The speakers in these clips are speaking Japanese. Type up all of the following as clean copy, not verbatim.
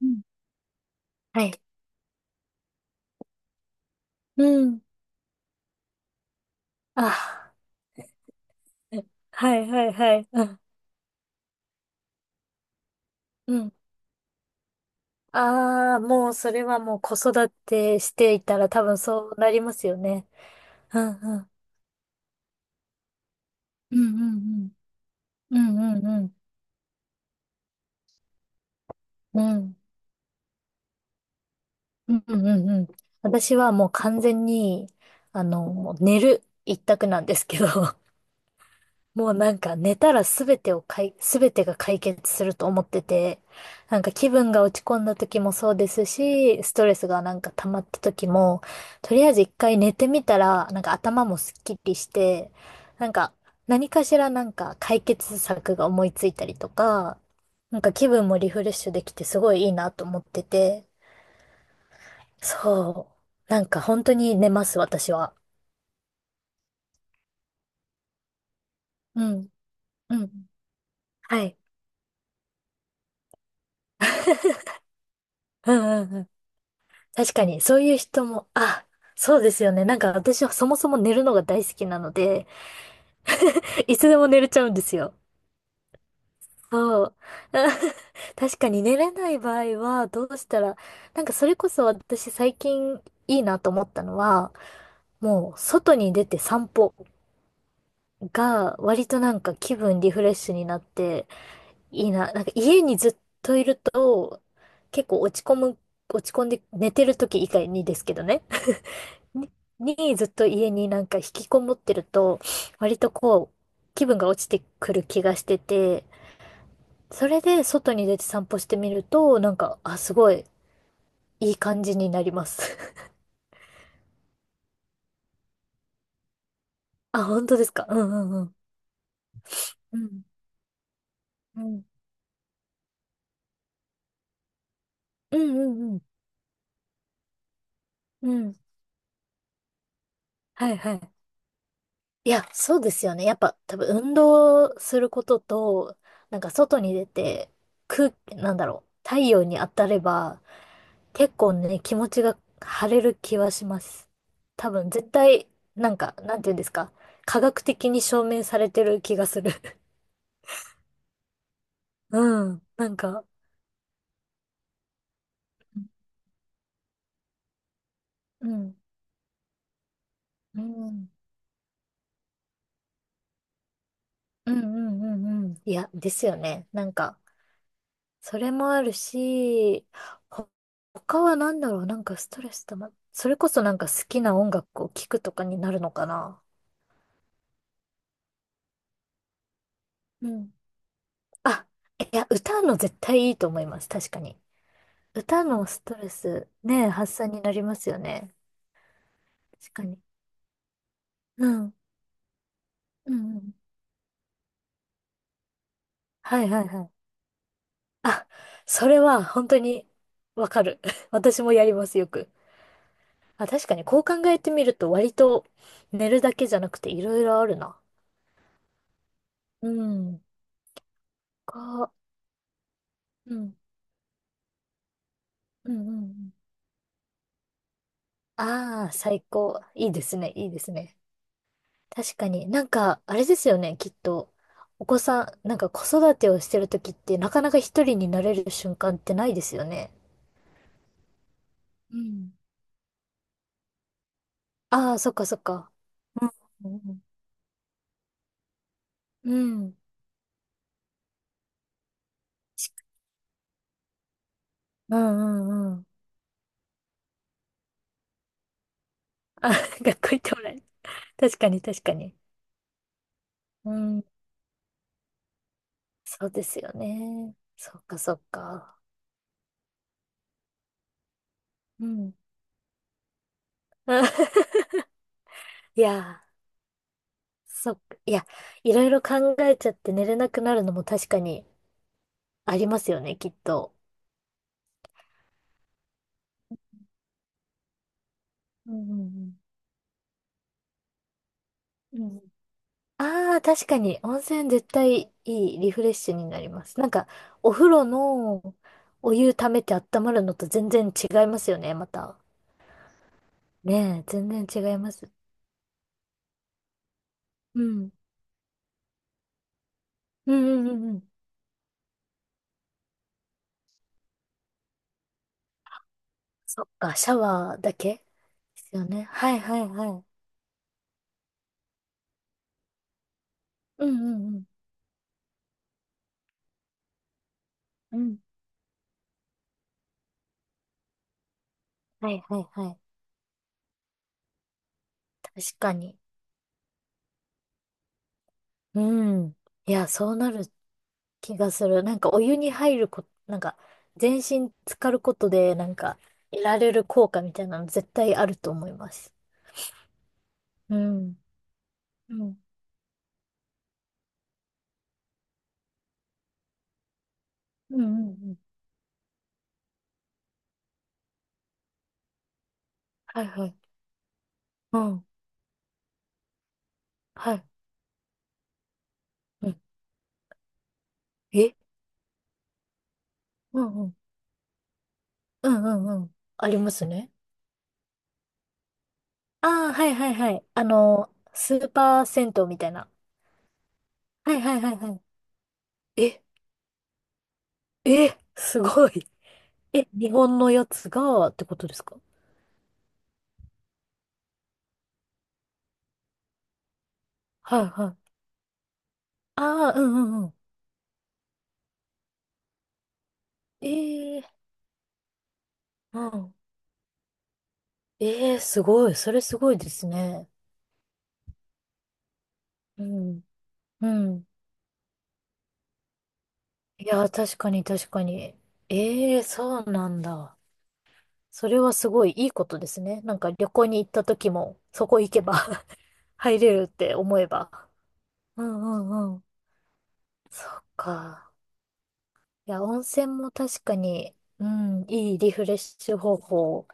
うん。はい。うん。あ、はいはいはい。うん。うん。ああ、もうそれはもう子育てしていたら多分そうなりますよね。うんうん。うんうんうん。うんうんうん。うんうんうんうん。私はもう完全に、もう寝る一択なんですけど。もうなんか寝たらすべてが解決すると思ってて、なんか気分が落ち込んだ時もそうですし、ストレスがなんか溜まった時も、とりあえず一回寝てみたら、なんか頭もすっきりして、なんか何かしらなんか解決策が思いついたりとか、なんか気分もリフレッシュできてすごいいいなと思ってて、そう。なんか本当に寝ます、私は。うん。うん。はい。うんうんうん。確かに、そういう人も、あ、そうですよね。なんか私はそもそも寝るのが大好きなので、いつでも寝れちゃうんですよ。そう。確かに寝れない場合は、どうしたら、なんかそれこそ私最近いいなと思ったのは、もう外に出て散歩が割となんか気分リフレッシュになっていいな。なんか家にずっといると結構落ち込んで寝てる時以外にですけどね。に、にずっと家になんか引きこもってると、割とこう、気分が落ちてくる気がしてて、それで外に出て散歩してみると、なんか、あ、すごい、いい感じになります。あ、本当ですか。うんうんうん。うん。うん。うんうんうん。うん。はいはい。いや、そうですよね。やっぱ多分運動することと、なんか外に出て、なんだろう、太陽に当たれば、結構ね、気持ちが晴れる気はします。多分絶対、なんか、なんていうんですか。科学的に証明されてる気がする。うん。なんか、うん。うん。うんうんうんうん。いや、ですよね。なんか、それもあるし、ほ他は何だろう。なんかストレスたま、それこそなんか好きな音楽を聴くとかになるのかな。うん。あ、いや、歌うの絶対いいと思います。確かに。歌のストレス、ね、発散になりますよね。確かに。うん。うんうん。はいはいはい。あ、それは本当にわかる。私もやります、よく。あ、確かに、こう考えてみると割と寝るだけじゃなくていろいろあるな。うん。こう、うん。うんうんうん。ああ、最高。いいですね、いいですね。確かに。なんか、あれですよね、きっと。お子さん、なんか子育てをしてるときってなかなか一人になれる瞬間ってないですよね。うん。ああ、そっかそっか。うん。うん。うんうんうん。あ、学校行ってもらえる。確かに確かに。うん。そうですよね。そっかそっか。うん。いや、そっか。いや、いろいろ考えちゃって寝れなくなるのも確かにありますよね、きっと。うんうんうん。ああ、確かに、温泉絶対いいリフレッシュになります。なんか、お風呂のお湯溜めて温まるのと全然違いますよね、また。ねえ、全然違います。うん。うんうんうんうん。そっか、シャワーだけですよね。はいはいはい。うんうんうん。うん。はいはいはい。確かに。うん。いや、そうなる気がする。なんかお湯に入るなんか全身浸かることで、なんか得られる効果みたいなの絶対あると思います。うん。うん。うんうんうん。はいはい。うん。はい。うん。えうんうん。うんうんうん。ありますね。ああ、はいはいはい。スーパー銭湯みたいな。はいはいはいはい。え、え、すごい。え、日本のやつがってことですか？はいはい。ああ、うんうんうん。ええうん。ええすごい。それすごいですね。うん。うん。いや、確かに確かに。ええそうなんだ。それはすごいいいことですね。なんか旅行に行った時も、そこ行けば 入れるって思えば。うんうんうん。そっか。いや、温泉も確かに、うん、いいリフレッシュ方法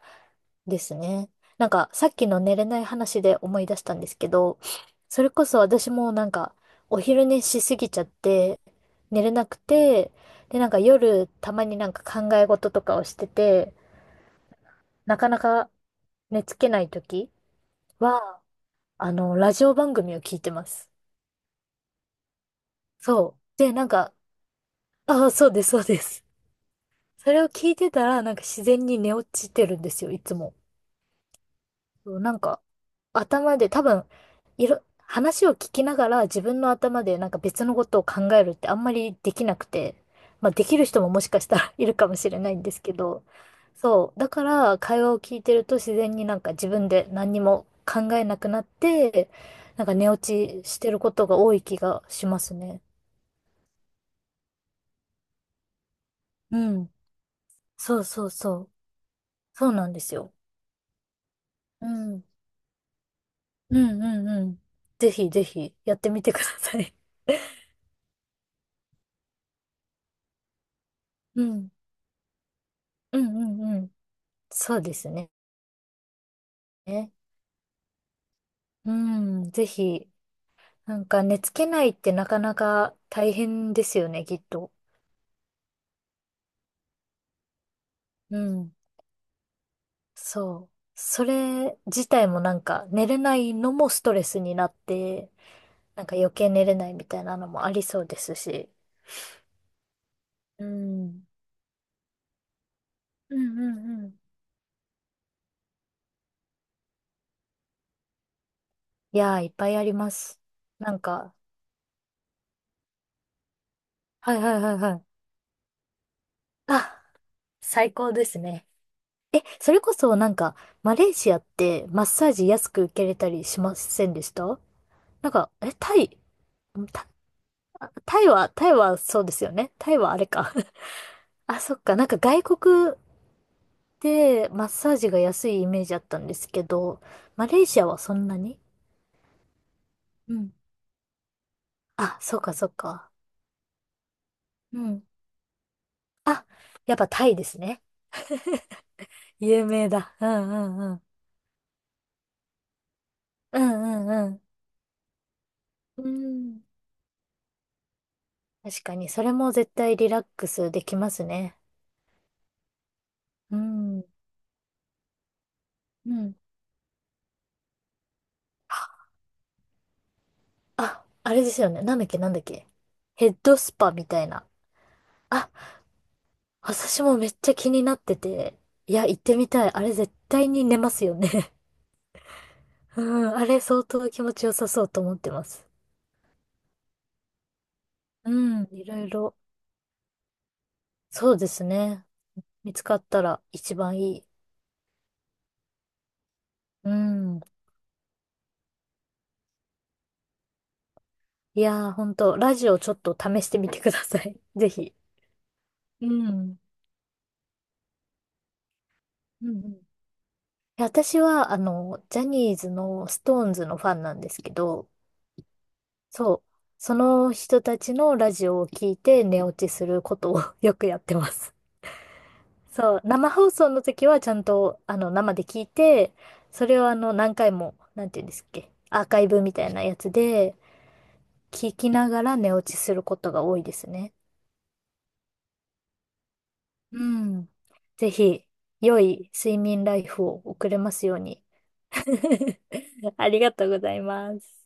ですね。なんか、さっきの寝れない話で思い出したんですけど、それこそ私もなんか、お昼寝しすぎちゃって、寝れなくて、で、なんか夜、たまになんか考え事とかをしてて、なかなか寝つけない時は、ラジオ番組を聞いてます。そう。で、なんか、ああ、そうです、そうです。それを聞いてたら、なんか自然に寝落ちてるんですよ、いつも。そうなんか、頭で多分、話を聞きながら自分の頭でなんか別のことを考えるってあんまりできなくて、まあできる人ももしかしたら いるかもしれないんですけど、そう。だから会話を聞いてると自然になんか自分で何にも考えなくなって、なんか寝落ちしてることが多い気がしますね。うん。そうそうそう。そうなんですよ。うん。うんうんうん。ぜひぜひやってみてください。うん。うんうんうん。そうですね。うん、ぜひ、なんか寝つけないってなかなか大変ですよね、きっと。うん、そう。それ自体もなんか寝れないのもストレスになって、なんか余計寝れないみたいなのもありそうですし。うん、うんうんうん。いやー、いっぱいあります。なんか、はいはいはいはい。あ、最高ですね。え、それこそなんか、マレーシアってマッサージ安く受けれたりしませんでした？なんか、え、タイ、んタ、タイはそうですよね。タイはあれか。 あ、そっか。なんか外国でマッサージが安いイメージあったんですけど、マレーシアはそんなに。うん。あ、そっかそっか。うん。あ、やっぱタイですね。有名だ。うんうんうん。うんうんうん。うん。確かに、それも絶対リラックスできますね。うん。うん。あ、あれですよね。なんだっけなんだっけ。ヘッドスパみたいな。あ、私もめっちゃ気になってて。いや、行ってみたい。あれ絶対に寝ますよね。うん、あれ相当気持ちよさそうと思ってます。うん、いろいろ。そうですね。見つかったら一番いい。うん。いやー、ほんと、ラジオちょっと試してみてください。ぜひ。うん。うんうん。いや私は、ジャニーズのストーンズのファンなんですけど、そう。その人たちのラジオを聞いて寝落ちすることを よくやってます。そう、生放送の時はちゃんと、生で聞いて、それを何回も、なんていうんですっけ、アーカイブみたいなやつで、聞きながら寝落ちすることが多いですね。うん。ぜひ、良い睡眠ライフを送れますように。ありがとうございます。